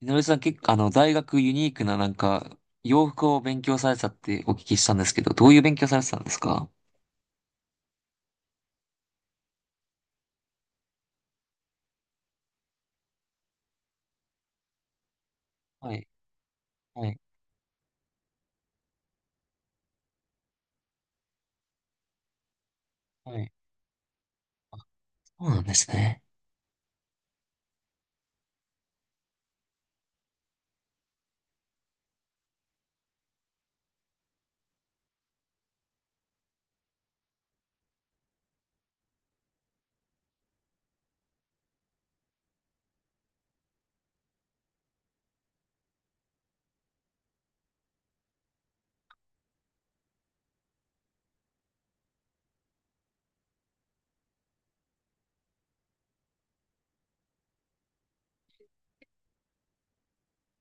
みのりさん結構、大学ユニークななんか、洋服を勉強されてたってお聞きしたんですけど、どういう勉強されてたんですか？はい、はい、はい。そうなんですね。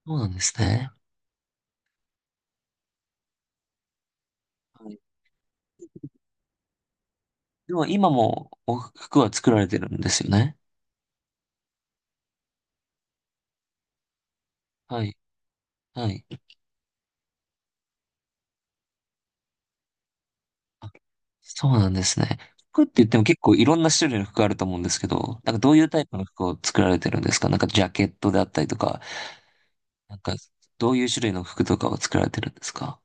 そうなんですね。はい。でも今もお服は作られてるんですよね。はい、はい。あ、そうなんですね。服って言っても結構いろんな種類の服あると思うんですけど、なんかどういうタイプの服を作られてるんですか？なんかジャケットであったりとか、なんかどういう種類の服とかを作られてるんですか？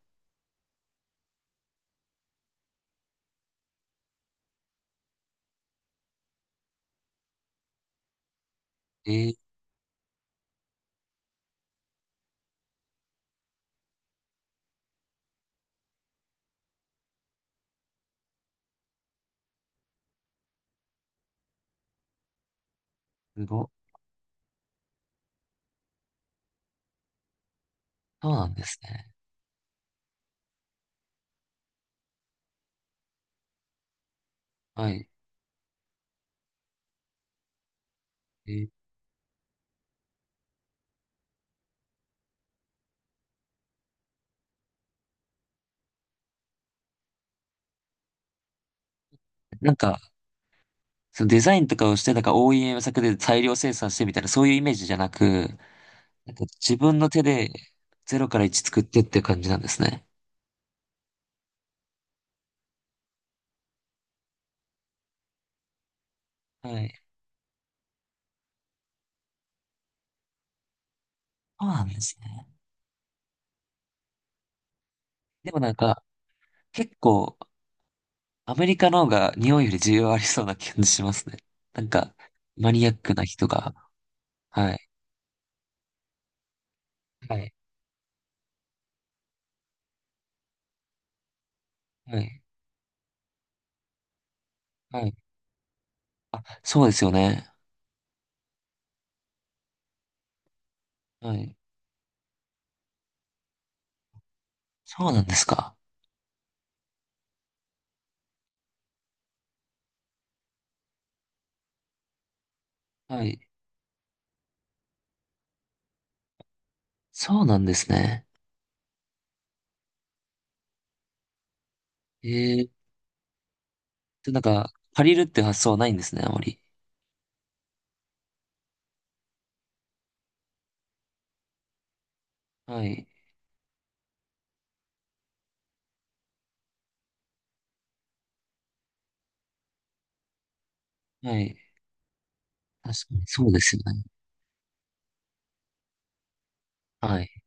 えー、すご。そうなんですね。はい。えーなんか、そのデザインとかをして、なんか OEM 作で大量生産してみたいな、そういうイメージじゃなく、なんか自分の手でゼロから1作ってっていう感じなんですね。はい。そうなんですね。でもなんか、結構、アメリカの方が日本より需要ありそうな感じしますね。なんか、マニアックな人が。はい。はい。はい。はい。あ、そうですよね。はい。そうなんですか。はい。そうなんですね。えー、で、なんか、借りるっていう発想はないんですね、あまり。はい。はい。確かに、そうですよね。はい。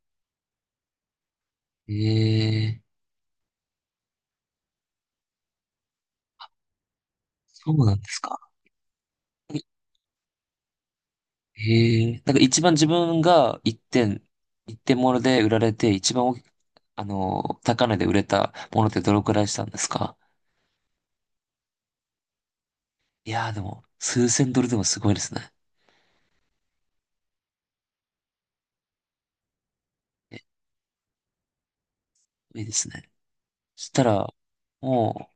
ええ、そうなんですか。ええ、なんか一番自分が一点物で売られて、一番大きあの、高値で売れたものってどのくらいしたんですか？いやーでも、数千ドルでもすごいですね。え、いいですね。そしたら、も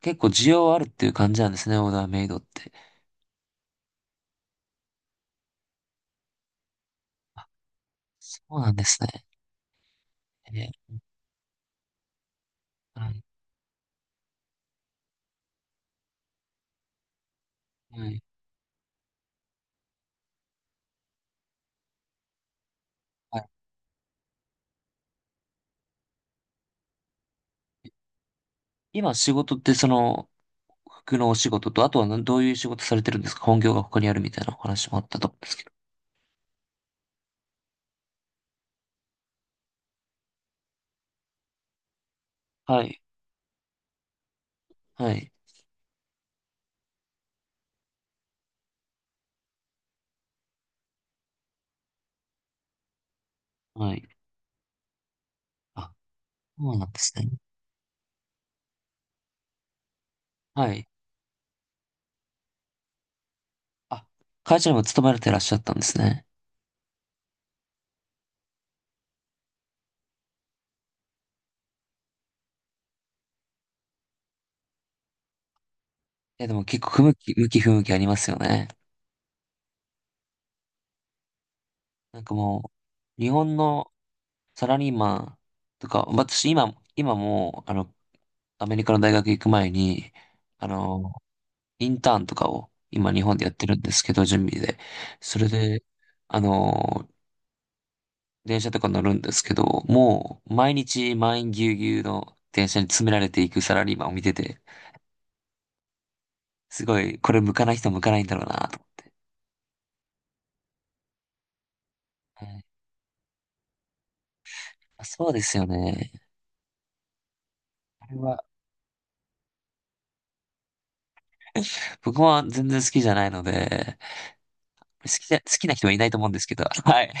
う、結構需要あるっていう感じなんですね、オーダーメイドって。あ、そうなんですね。えはい。はい。はい。今仕事ってその、服のお仕事と、あとはどういう仕事されてるんですか？本業が他にあるみたいなお話もあったと思うんですけど。はい。はい。はい。あ、そうなんですね。はい。あ、会社にも勤められてらっしゃったんですね。え、でも結構不向き、向き不向きありますよね。なんかもう、日本のサラリーマンとか、私今、今も、アメリカの大学行く前に、あの、インターンとかを今日本でやってるんですけど、準備で。それで、あの電車とか乗るんですけど、もう毎日満員ぎゅうぎゅうの電車に詰められていくサラリーマンを見てて、すごい、これ向かない人向かないんだろうなと思って。はい。あ、そうですよね。あれは、僕は全然好きじゃないので、好きな人はいないと思うんですけど、はい。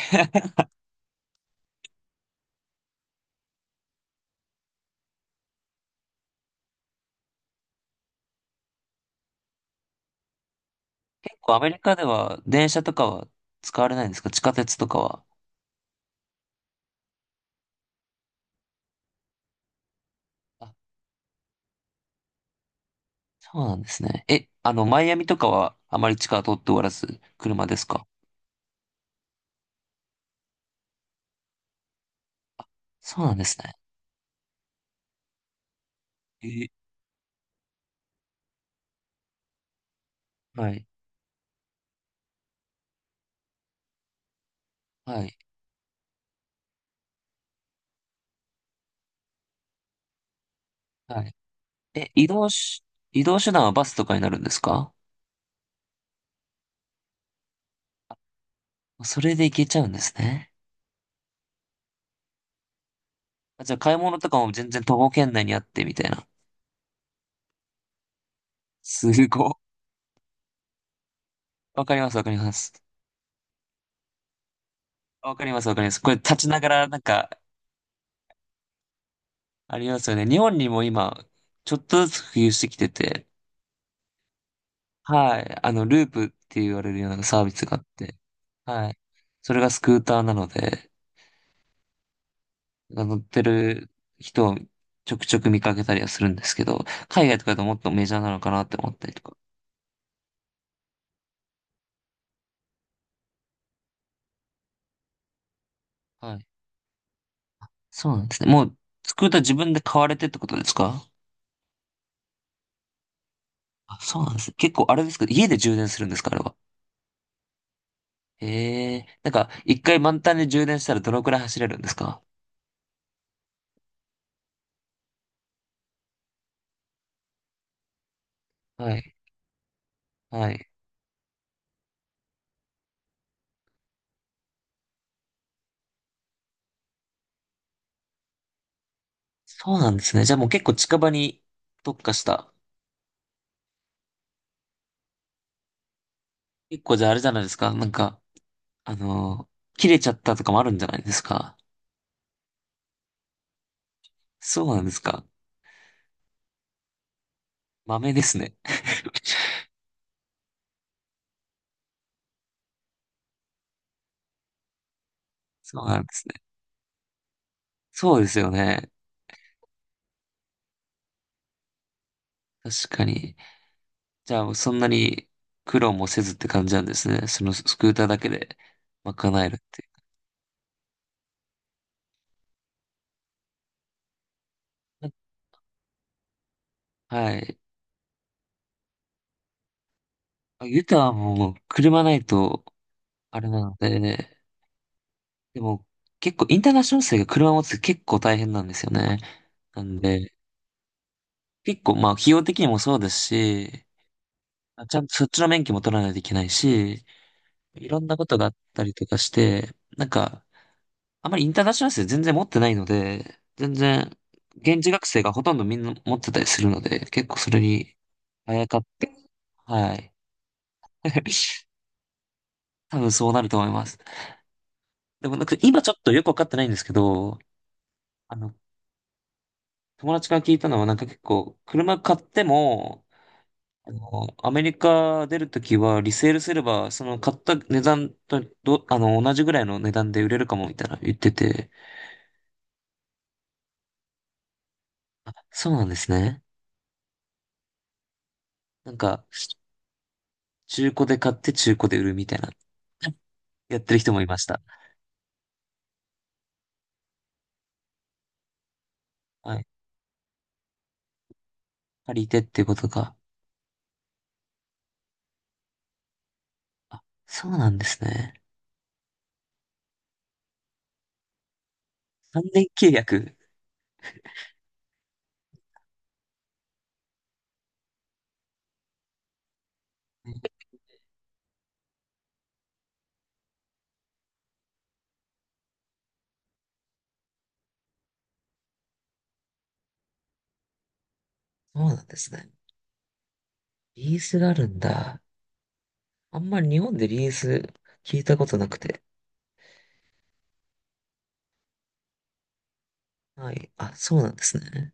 結構アメリカでは電車とかは使われないんですか？地下鉄とかは。あ、そうなんですね。え、マイアミとかはあまり地下は通っておらず、車ですか？そうなんですね。え、はい、はい、はい。え、移動手段はバスとかになるんですか？それで行けちゃうんですね。あ、じゃあ買い物とかも全然徒歩圏内にあってみたいな。すごい。わかります、わかります。わかります、わかります。これ立ちながらなんか、ありますよね。日本にも今、ちょっとずつ普及してきてて、はい。ループって言われるようなサービスがあって、はい。それがスクーターなので、乗ってる人をちょくちょく見かけたりはするんですけど、海外とかだともっとメジャーなのかなって思ったりとか。はい、そうなんですね。もう、スクーター自分で買われてってことですか？あ、そうなんですね。結構、あれですか？家で充電するんですか？あれは。へえ。なんか、一回満タンで充電したらどのくらい走れるんですか？はい。はい。そうなんですね。じゃあもう結構近場に特化した。結構じゃああれじゃないですか。なんか、切れちゃったとかもあるんじゃないですか。そうなんですか。豆ですね。そうなんですね。そうですよね。確かに。じゃあ、そんなに苦労もせずって感じなんですね。そのスクーターだけで賄えるっていう。はい。あ、ユタはもう車ないと、あれなので、でも結構インターナショナル生が車持つって結構大変なんですよね。なんで、結構まあ費用的にもそうですし、あ、ちゃんとそっちの免許も取らないといけないし、いろんなことがあったりとかして、なんか、あまりインターナショナル生全然持ってないので、全然、現地学生がほとんどみんな持ってたりするので、結構それに、あやかって、はい。多分そうなると思います。でもなんか今ちょっとよくわかってないんですけど、あの、友達から聞いたのはなんか結構、車買っても、アメリカ出るときはリセールすれば、その買った値段とど、あの、同じぐらいの値段で売れるかもみたいな言ってて、あ、そうなんですね。なんか、中古で買って中古で売るみたいな、やってる人もいました。はい。借りてっていうことか。あ、そうなんですね。3年契約。ね、そうなんですね。リースがあるんだ。あんまり日本でリース聞いたことなくて。はい。あ、そうなんですね。